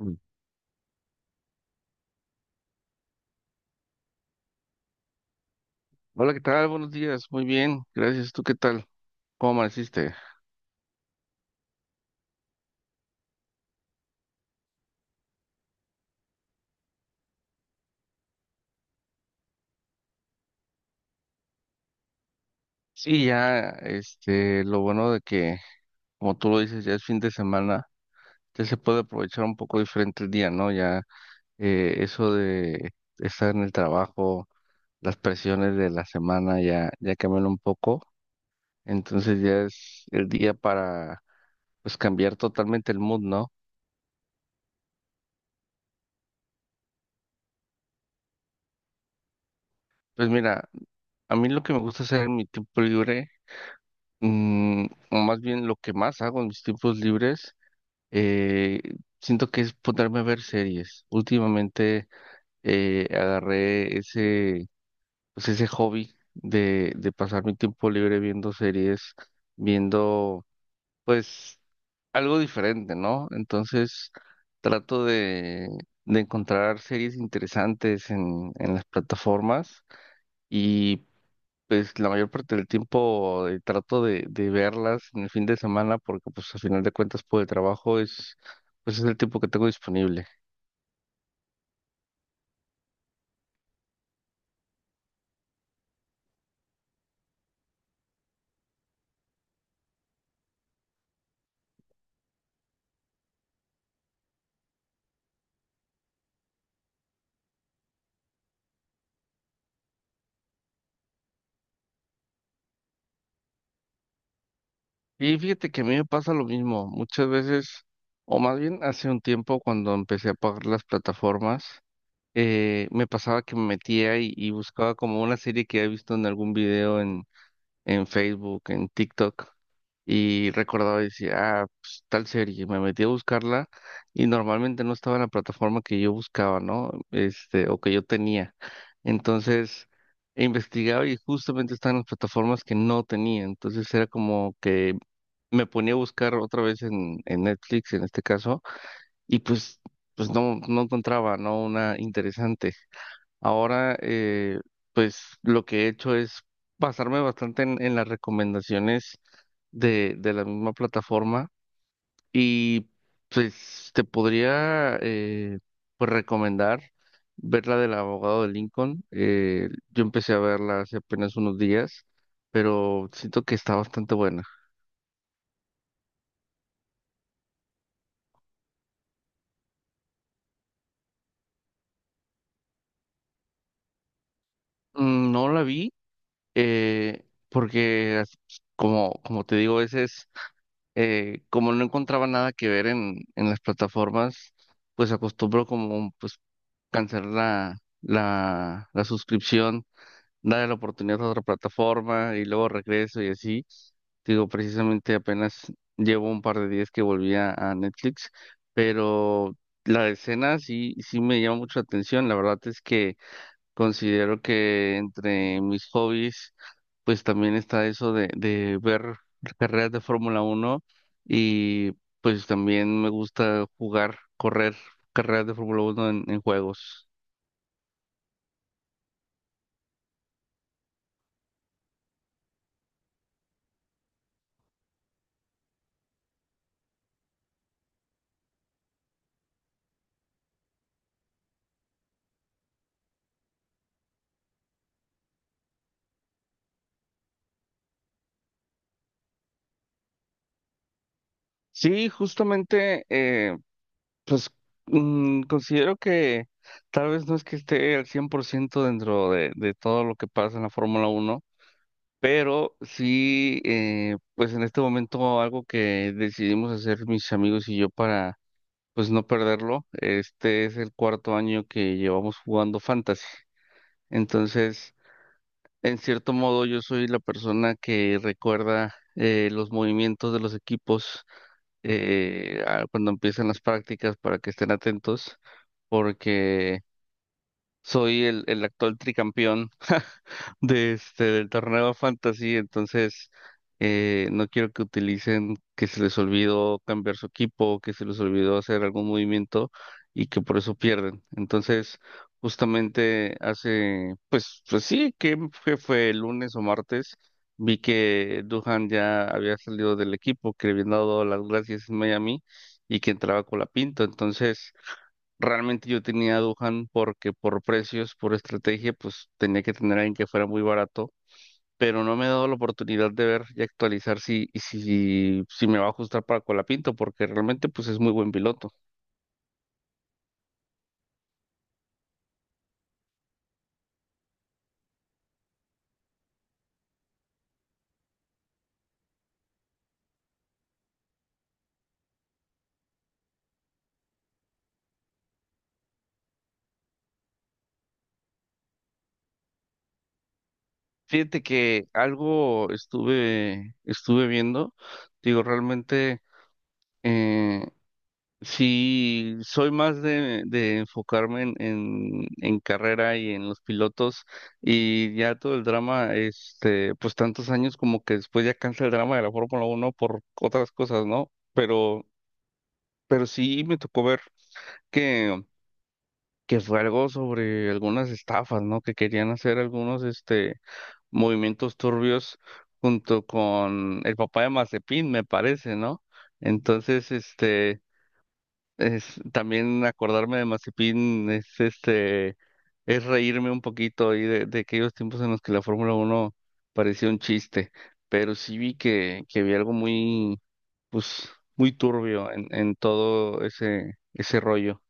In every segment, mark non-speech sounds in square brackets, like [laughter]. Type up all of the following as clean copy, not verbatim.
Mm. Hola, ¿qué tal? Buenos días, muy bien, gracias. ¿Tú qué tal? ¿Cómo amaneciste? Sí, ya, lo bueno de que, como tú lo dices, ya es fin de semana, ya se puede aprovechar un poco diferente el día, ¿no? Ya eso de estar en el trabajo, las presiones de la semana ya cambian un poco, entonces ya es el día para, pues, cambiar totalmente el mood, ¿no? Pues mira, a mí lo que me gusta hacer en mi tiempo libre, mm, o más bien lo que más hago en mis tiempos libres, Eh, siento que es ponerme a ver series. Últimamente agarré ese, pues ese hobby de pasar mi tiempo libre viendo series, viendo pues algo diferente, ¿no? Entonces trato de encontrar series interesantes en las plataformas y pues la mayor parte del tiempo trato de verlas en el fin de semana porque pues al final de cuentas por el trabajo es el tiempo que tengo disponible. Y fíjate que a mí me pasa lo mismo, muchas veces, o más bien hace un tiempo cuando empecé a pagar las plataformas, me pasaba que me metía y buscaba como una serie que había visto en algún video en Facebook, en TikTok, y recordaba y decía, ah, pues, tal serie, me metí a buscarla y normalmente no estaba en la plataforma que yo buscaba, ¿no? O que yo tenía. Entonces, investigaba y justamente estaba en las plataformas que no tenía. Entonces era como que me ponía a buscar otra vez en Netflix, en este caso, y pues no encontraba, ¿no? Una interesante. Ahora, pues lo que he hecho es basarme bastante en las recomendaciones de la misma plataforma y pues te podría pues recomendar ver la del abogado de Lincoln. Yo empecé a verla hace apenas unos días, pero siento que está bastante buena. No la vi porque como te digo, ese es como no encontraba nada que ver en las plataformas, pues acostumbro como pues cancelar la suscripción, darle la oportunidad a otra plataforma y luego regreso y así. Digo, precisamente apenas llevo un par de días que volví a Netflix, pero la escena sí, sí me llama mucho la atención. La verdad es que considero que entre mis hobbies, pues también está eso de ver carreras de Fórmula Uno y pues también me gusta jugar, correr carreras de Fórmula Uno en juegos. Sí, justamente, pues considero que tal vez no es que esté al 100% dentro de todo lo que pasa en la Fórmula Uno, pero sí, pues en este momento algo que decidimos hacer mis amigos y yo para pues no perderlo. Este es el cuarto año que llevamos jugando Fantasy. Entonces, en cierto modo, yo soy la persona que recuerda los movimientos de los equipos cuando empiezan las prácticas para que estén atentos, porque soy el actual tricampeón [laughs] de del torneo Fantasy, entonces no quiero que utilicen que se les olvidó cambiar su equipo, que se les olvidó hacer algún movimiento y que por eso pierden. Entonces, justamente hace, pues, pues sí, que fue el lunes o martes, vi que Duhan ya había salido del equipo, que le habían dado las gracias en Miami y que entraba con la pinta. Entonces, realmente yo tenía a Duhan porque por precios, por estrategia, pues tenía que tener a alguien que fuera muy barato, pero no me he dado la oportunidad de ver y actualizar si, si me va a ajustar para Colapinto, porque realmente pues es muy buen piloto. Fíjate que algo estuve viendo, digo, realmente eh, sí, soy más de enfocarme en carrera y en los pilotos, y ya todo el drama, pues tantos años como que después ya cansa el drama de la Fórmula Uno por otras cosas, ¿no? Pero sí me tocó ver que, que fue algo sobre algunas estafas, ¿no? Que querían hacer algunos, movimientos turbios junto con el papá de Mazepin, me parece, ¿no? Entonces, también acordarme de Mazepin es reírme un poquito ahí de aquellos tiempos en los que la Fórmula Uno parecía un chiste, pero sí vi que vi algo muy pues muy turbio en todo ese rollo.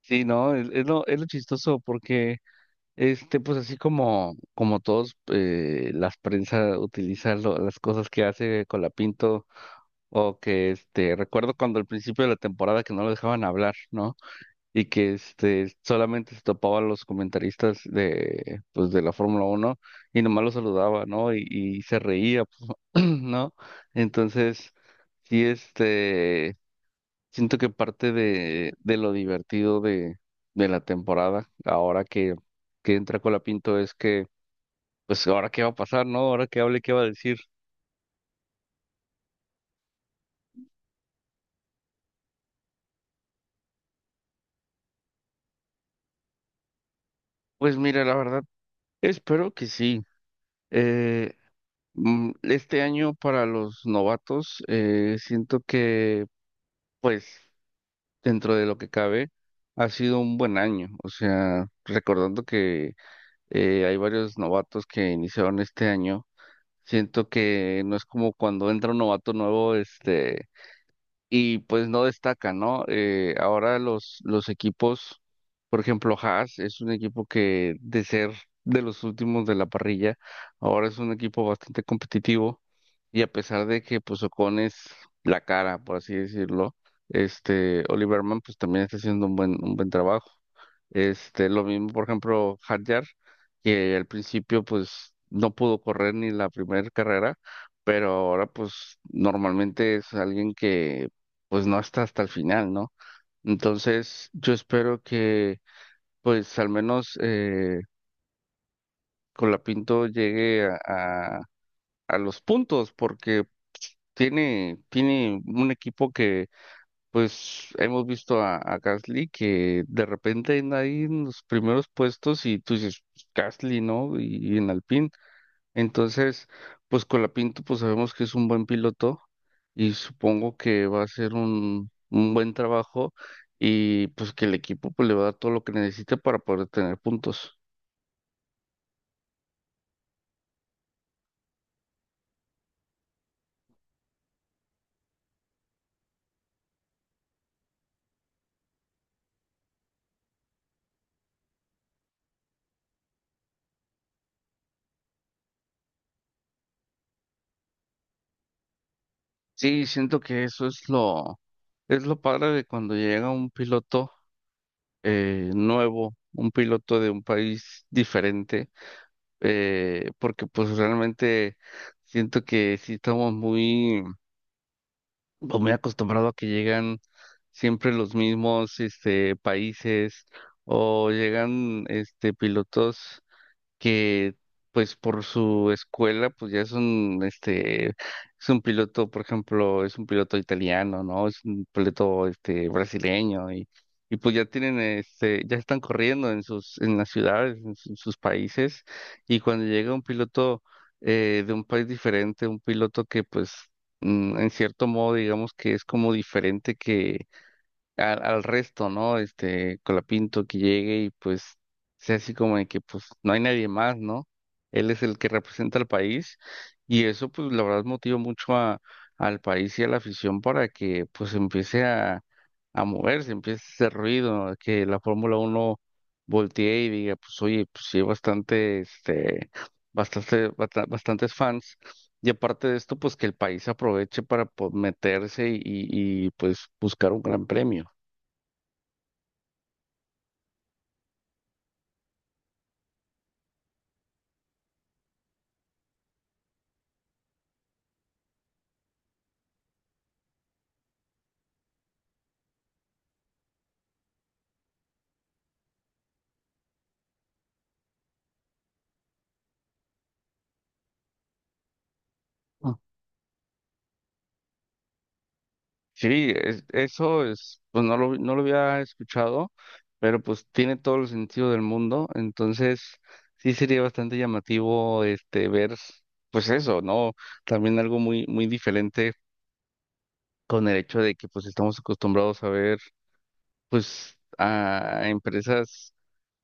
Sí, no, es lo chistoso porque pues así como todos las prensa utilizan las cosas que hace Colapinto, o que recuerdo cuando al principio de la temporada que no lo dejaban hablar, ¿no?, y que solamente se topaba a los comentaristas de pues de la Fórmula Uno y nomás los saludaba, ¿no? Y se reía, [clears throat] ¿no? Entonces, sí, siento que parte de lo divertido de la temporada, ahora que entra Colapinto, es que, pues, ¿ahora qué va a pasar, no? ¿Ahora qué hable, qué va a decir? Pues mira, la verdad, espero que sí. Eh, Este año para los novatos, siento que pues dentro de lo que cabe, ha sido un buen año. O sea, recordando que hay varios novatos que iniciaron este año, siento que no es como cuando entra un novato nuevo, y pues no destaca, ¿no? Ahora los equipos, por ejemplo, Haas es un equipo que de ser de los últimos de la parrilla, ahora es un equipo bastante competitivo, y a pesar de que pues Ocon es la cara, por así decirlo, Oliverman pues también está haciendo un buen trabajo. Lo mismo, por ejemplo, Hadjar, que al principio pues no pudo correr ni la primera carrera, pero ahora pues normalmente es alguien que pues no hasta el final, ¿no? Entonces, yo espero que, pues al menos Colapinto llegue a, a los puntos, porque tiene un equipo que, pues hemos visto a Gasly que de repente anda ahí en los primeros puestos y tú dices, "Pues, Gasly, ¿no? Y en Alpine." Entonces, pues Colapinto, pues sabemos que es un buen piloto y supongo que va a hacer un buen trabajo y pues que el equipo pues le va a dar todo lo que necesite para poder tener puntos. Sí, siento que eso es lo, padre de cuando llega un piloto nuevo, un piloto de un país diferente, porque pues realmente siento que sí estamos muy pues, muy acostumbrado a que llegan siempre los mismos países, o llegan pilotos que pues por su escuela pues ya es un piloto, por ejemplo, es un piloto italiano, ¿no? Es un piloto brasileño y pues ya tienen ya están corriendo en las ciudades, en sus países, y cuando llega un piloto de un país diferente, un piloto que pues en cierto modo digamos que es como diferente al resto, ¿no? Colapinto, que llegue y pues sea así como de que pues no hay nadie más, ¿no? Él es el que representa al país y eso pues la verdad motiva mucho al país y a la afición para que pues empiece a moverse, empiece a hacer ruido, a que la Fórmula Uno voltee y diga pues oye, pues sí hay bastantes fans. Y aparte de esto, pues que el país aproveche para pues, meterse y, pues buscar un gran premio. Ah, sí, eso es, pues no lo había escuchado, pero pues tiene todo el sentido del mundo, entonces sí sería bastante llamativo ver, pues eso, ¿no? También algo muy, muy diferente con el hecho de que pues estamos acostumbrados a ver pues a empresas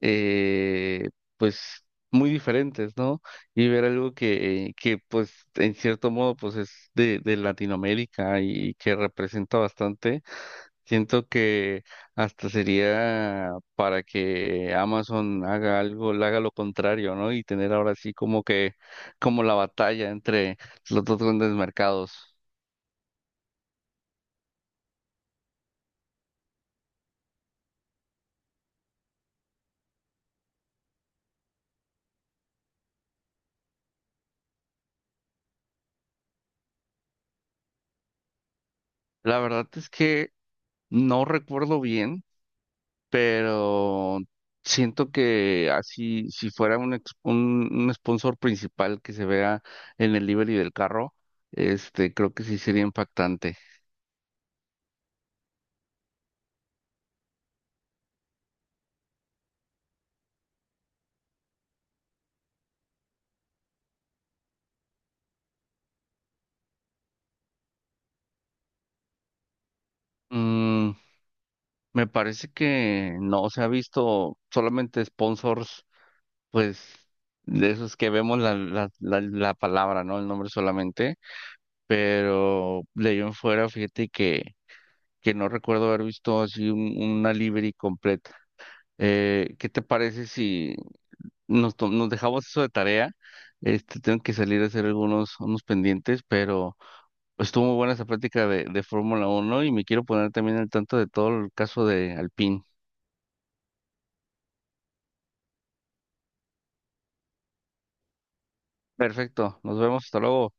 eh, pues muy diferentes, ¿no? Y ver algo que pues en cierto modo pues es de Latinoamérica y que representa bastante. Siento que hasta sería para que Amazon haga algo, le haga lo contrario, ¿no? Y tener ahora sí como que, como la batalla entre los dos grandes mercados. La verdad es que no recuerdo bien, pero siento que así, si fuera un sponsor principal que se vea en el livery del carro, creo que sí sería impactante. Mm, Me parece que no se ha visto solamente sponsors, pues de esos que vemos la palabra, ¿no? El nombre solamente, pero de ahí en fuera, fíjate que no recuerdo haber visto así una livery completa. ¿Qué te parece si nos dejamos eso de tarea? Tengo que salir a hacer algunos unos pendientes, pero estuvo muy buena esa práctica de Fórmula uno y me quiero poner también al tanto de todo el caso de Alpine. Perfecto, nos vemos, hasta luego.